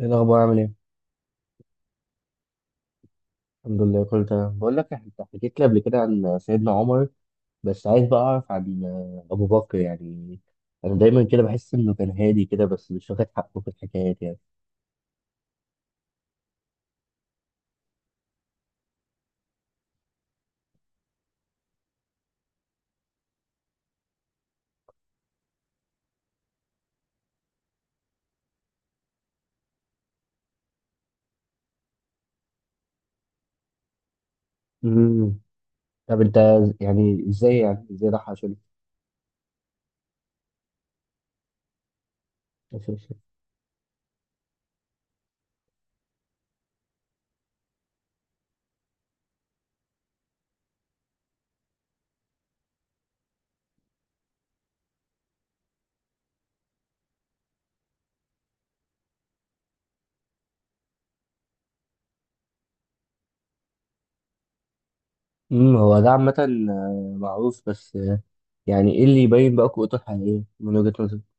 ايه الاخبار؟ عامل ايه؟ الحمد لله كله تمام. بقول لك، انت حكيت لي قبل كده عن سيدنا عمر، بس عايز بقى اعرف عن ابو بكر يعني. انا دايما كده بحس انه كان هادي كده بس مش واخد حقه في الحكايات يعني. امم طب انت يعني ازاي، يعني ازاي ده حصل اساسا؟ هو ده عامه معروف بس، يعني ايه اللي يبين بقى قوته الحقيقيه من وجهة نظرك؟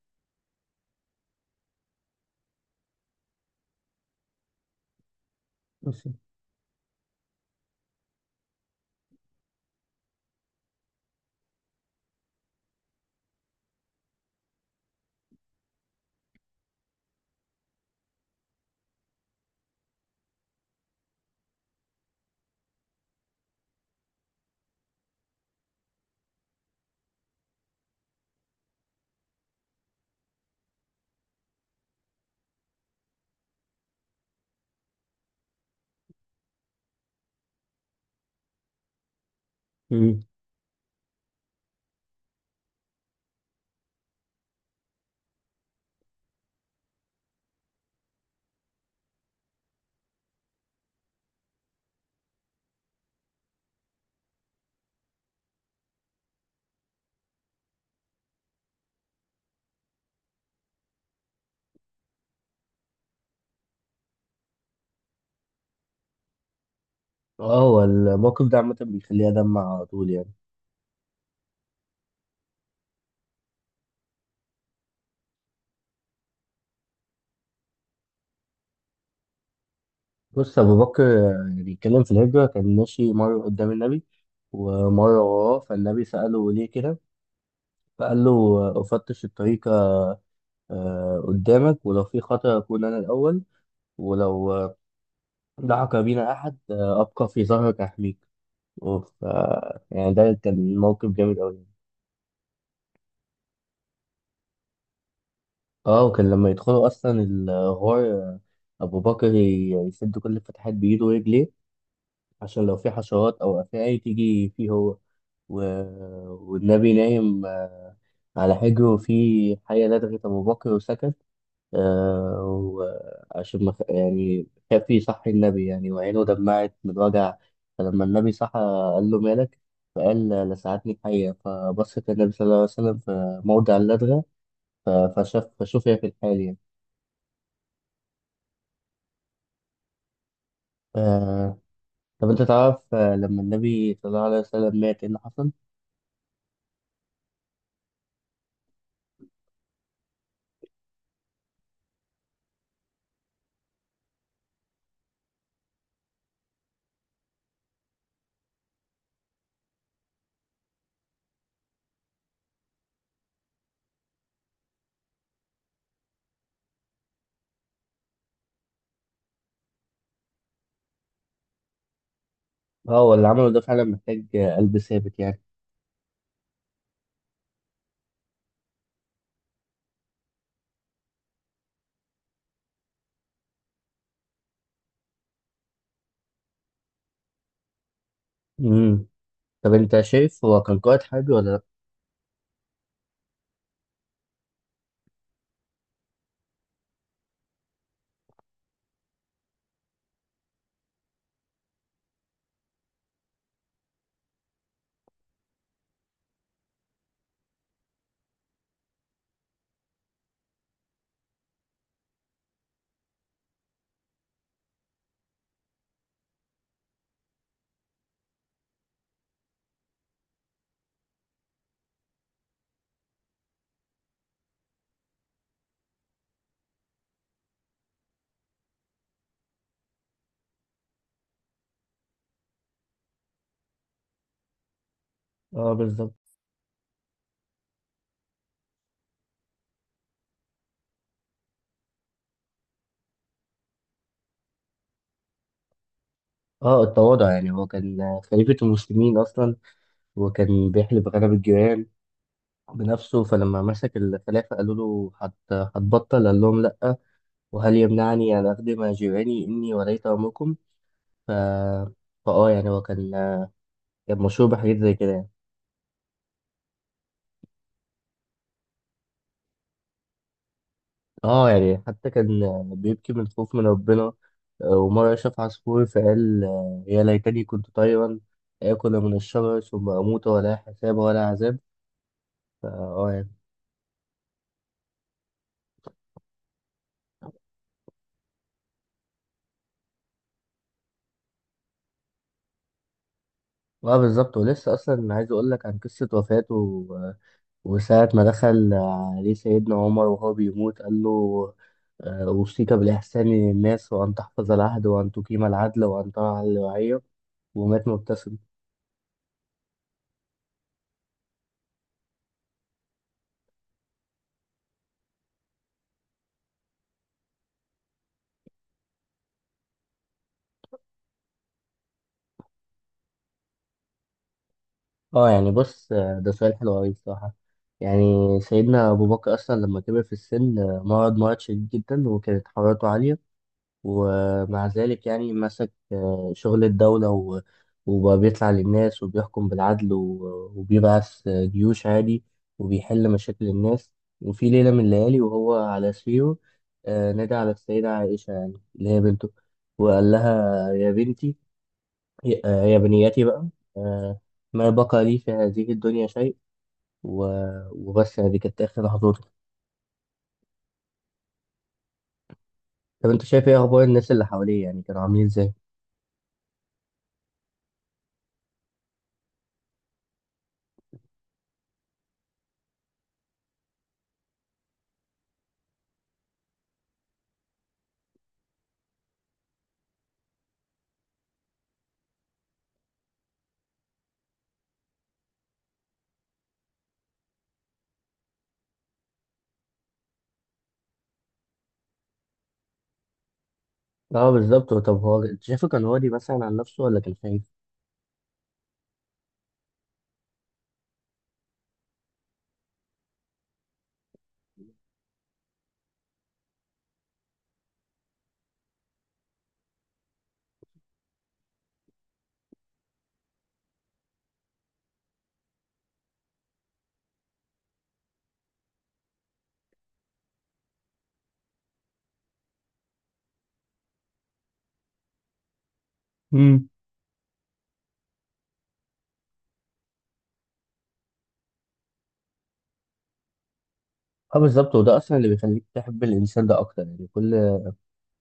أوكي. امم. اه، هو الموقف ده عامه بيخليها دمع على طول يعني. بص، أبو بكر بيتكلم في الهجرة كان ماشي مرة قدام النبي ومرة وراه، فالنبي سأله ليه كده. فقال له: أفتش الطريق قدامك، ولو في خطر أكون أنا الأول، ولو دعك بينا أحد أبقى في ظهرك أحميك. ف يعني ده كان موقف جامد أوي. اه، وكان لما يدخلوا أصلا الغار، أبو بكر يسد كل الفتحات بإيده ورجليه، عشان لو في حشرات أو أفاعي تيجي فيه هو. و... والنبي نايم على حجره، وفي حية لدغت أبو بكر وسكت، آه، وعشان ما خ- يعني خاف يصحي النبي يعني، وعينه دمعت من الوجع. فلما النبي صحى قال له: مالك؟ فقال: لسعتني الحية. فبصت النبي صلى الله عليه وسلم في موضع اللدغة، ف- فشاف فشوف هي في الحال يعني. آه، طب أنت تعرف، لما النبي صلى الله عليه وسلم مات إيه اللي حصل؟ اه، هو اللي عمله ده فعلا محتاج قلب ثابت يعني. امم. طب انت شايف هو كان قائد حربي ولا لا؟ اه بالظبط. اه، التواضع. يعني هو كان خليفة المسلمين اصلا وكان بيحلف غنم الجيران بنفسه، فلما مسك الخلافة قالوا له هتبطل؟ قال لهم: لأ، وهل يمنعني أن أخدم جيراني إني وليت أمركم؟ ف... فآه يعني هو كان مشهور بحاجات زي كده يعني. اه، يعني حتى كان بيبكي من الخوف من ربنا، ومرة شاف عصفور فقال: يا ليتني كنت طيرا آكل من الشجر ثم أموت ولا حساب ولا عذاب. اه يعني. اه بالظبط، ولسه أصلا عايز أقول لك عن قصة وفاته. وساعة ما دخل عليه سيدنا عمر وهو بيموت قال له: أوصيك بالإحسان للناس، وأن تحفظ العهد، وأن تقيم العدل، وأن ترعى الرعية. ومات مبتسم. اه يعني. بص، ده سؤال حلو أوي بصراحة. يعني سيدنا أبو بكر أصلا لما كبر في السن مرض مرض شديد جدا وكانت حرارته عالية، ومع ذلك يعني مسك شغل الدولة، وبقى بيطلع للناس وبيحكم بالعدل، وبيبعث جيوش عادي، وبيحل مشاكل الناس. وفي ليلة من الليالي وهو على سريره نادى على السيدة عائشة يعني اللي هي بنته، وقال لها: يا بنتي، يا بنياتي بقى، آه، ما بقى لي في هذه الدنيا شيء. و... وبس يعني، دي كانت آخر لحظاته. طب أنت شايف إيه أخبار الناس اللي حواليه؟ يعني كانوا عاملين إزاي؟ أه بالظبط. طب هو أنت شايفه كان راضي مثلا عن نفسه ولا كان خايف؟ امم. أه بالظبط، وده أصلا اللي بيخليك تحب الإنسان ده أكتر. يعني كل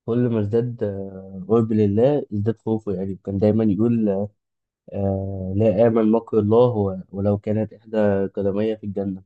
كل ما ازداد قرب لله ازداد خوفه يعني. كان دايما يقول: لا آمن مكر الله ولو كانت إحدى قدمي في الجنة.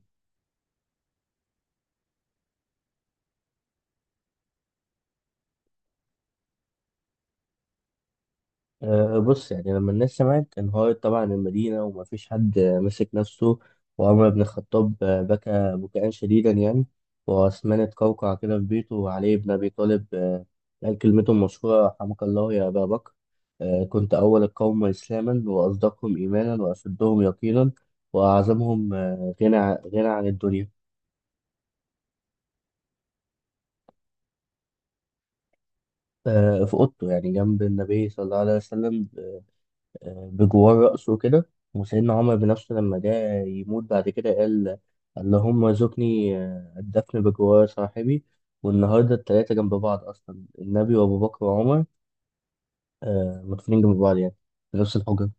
أه، بص يعني لما الناس سمعت انهارت طبعا المدينة، ومفيش حد مسك نفسه. وعمر بن الخطاب بكى بكاء شديدا يعني، وعثمان اتقوقع كده في بيته، وعلي بن أبي طالب قال كلمته المشهورة: رحمك الله يا أبا بكر، كنت أول القوم إسلاما، وأصدقهم إيمانا، وأشدهم يقينا، وأعظمهم غنى غنى عن الدنيا. في أوضته يعني، جنب النبي صلى الله عليه وسلم، بجوار رأسه كده. وسيدنا عمر بنفسه لما جاء يموت بعد كده قال: اللهم ارزقني الدفن بجوار صاحبي. والنهارده 3 جنب بعض أصلا: النبي وأبو بكر وعمر مدفونين جنب بعض يعني، في نفس الحجرة.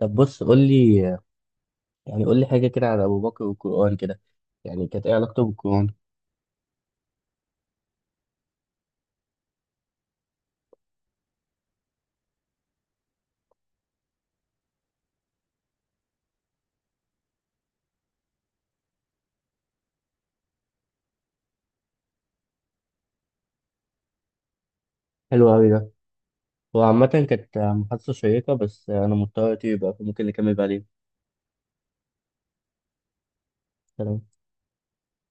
طب بص، قول لي يعني، قول لي حاجة كده على أبو بكر والقرآن كده، يعني كانت إيه علاقته بالقرآن؟ حلو أوي ده. هو عامة كانت محادثة شيقة بس أنا مضطر أطير بقى، فممكن نكمل بعدين. سلام.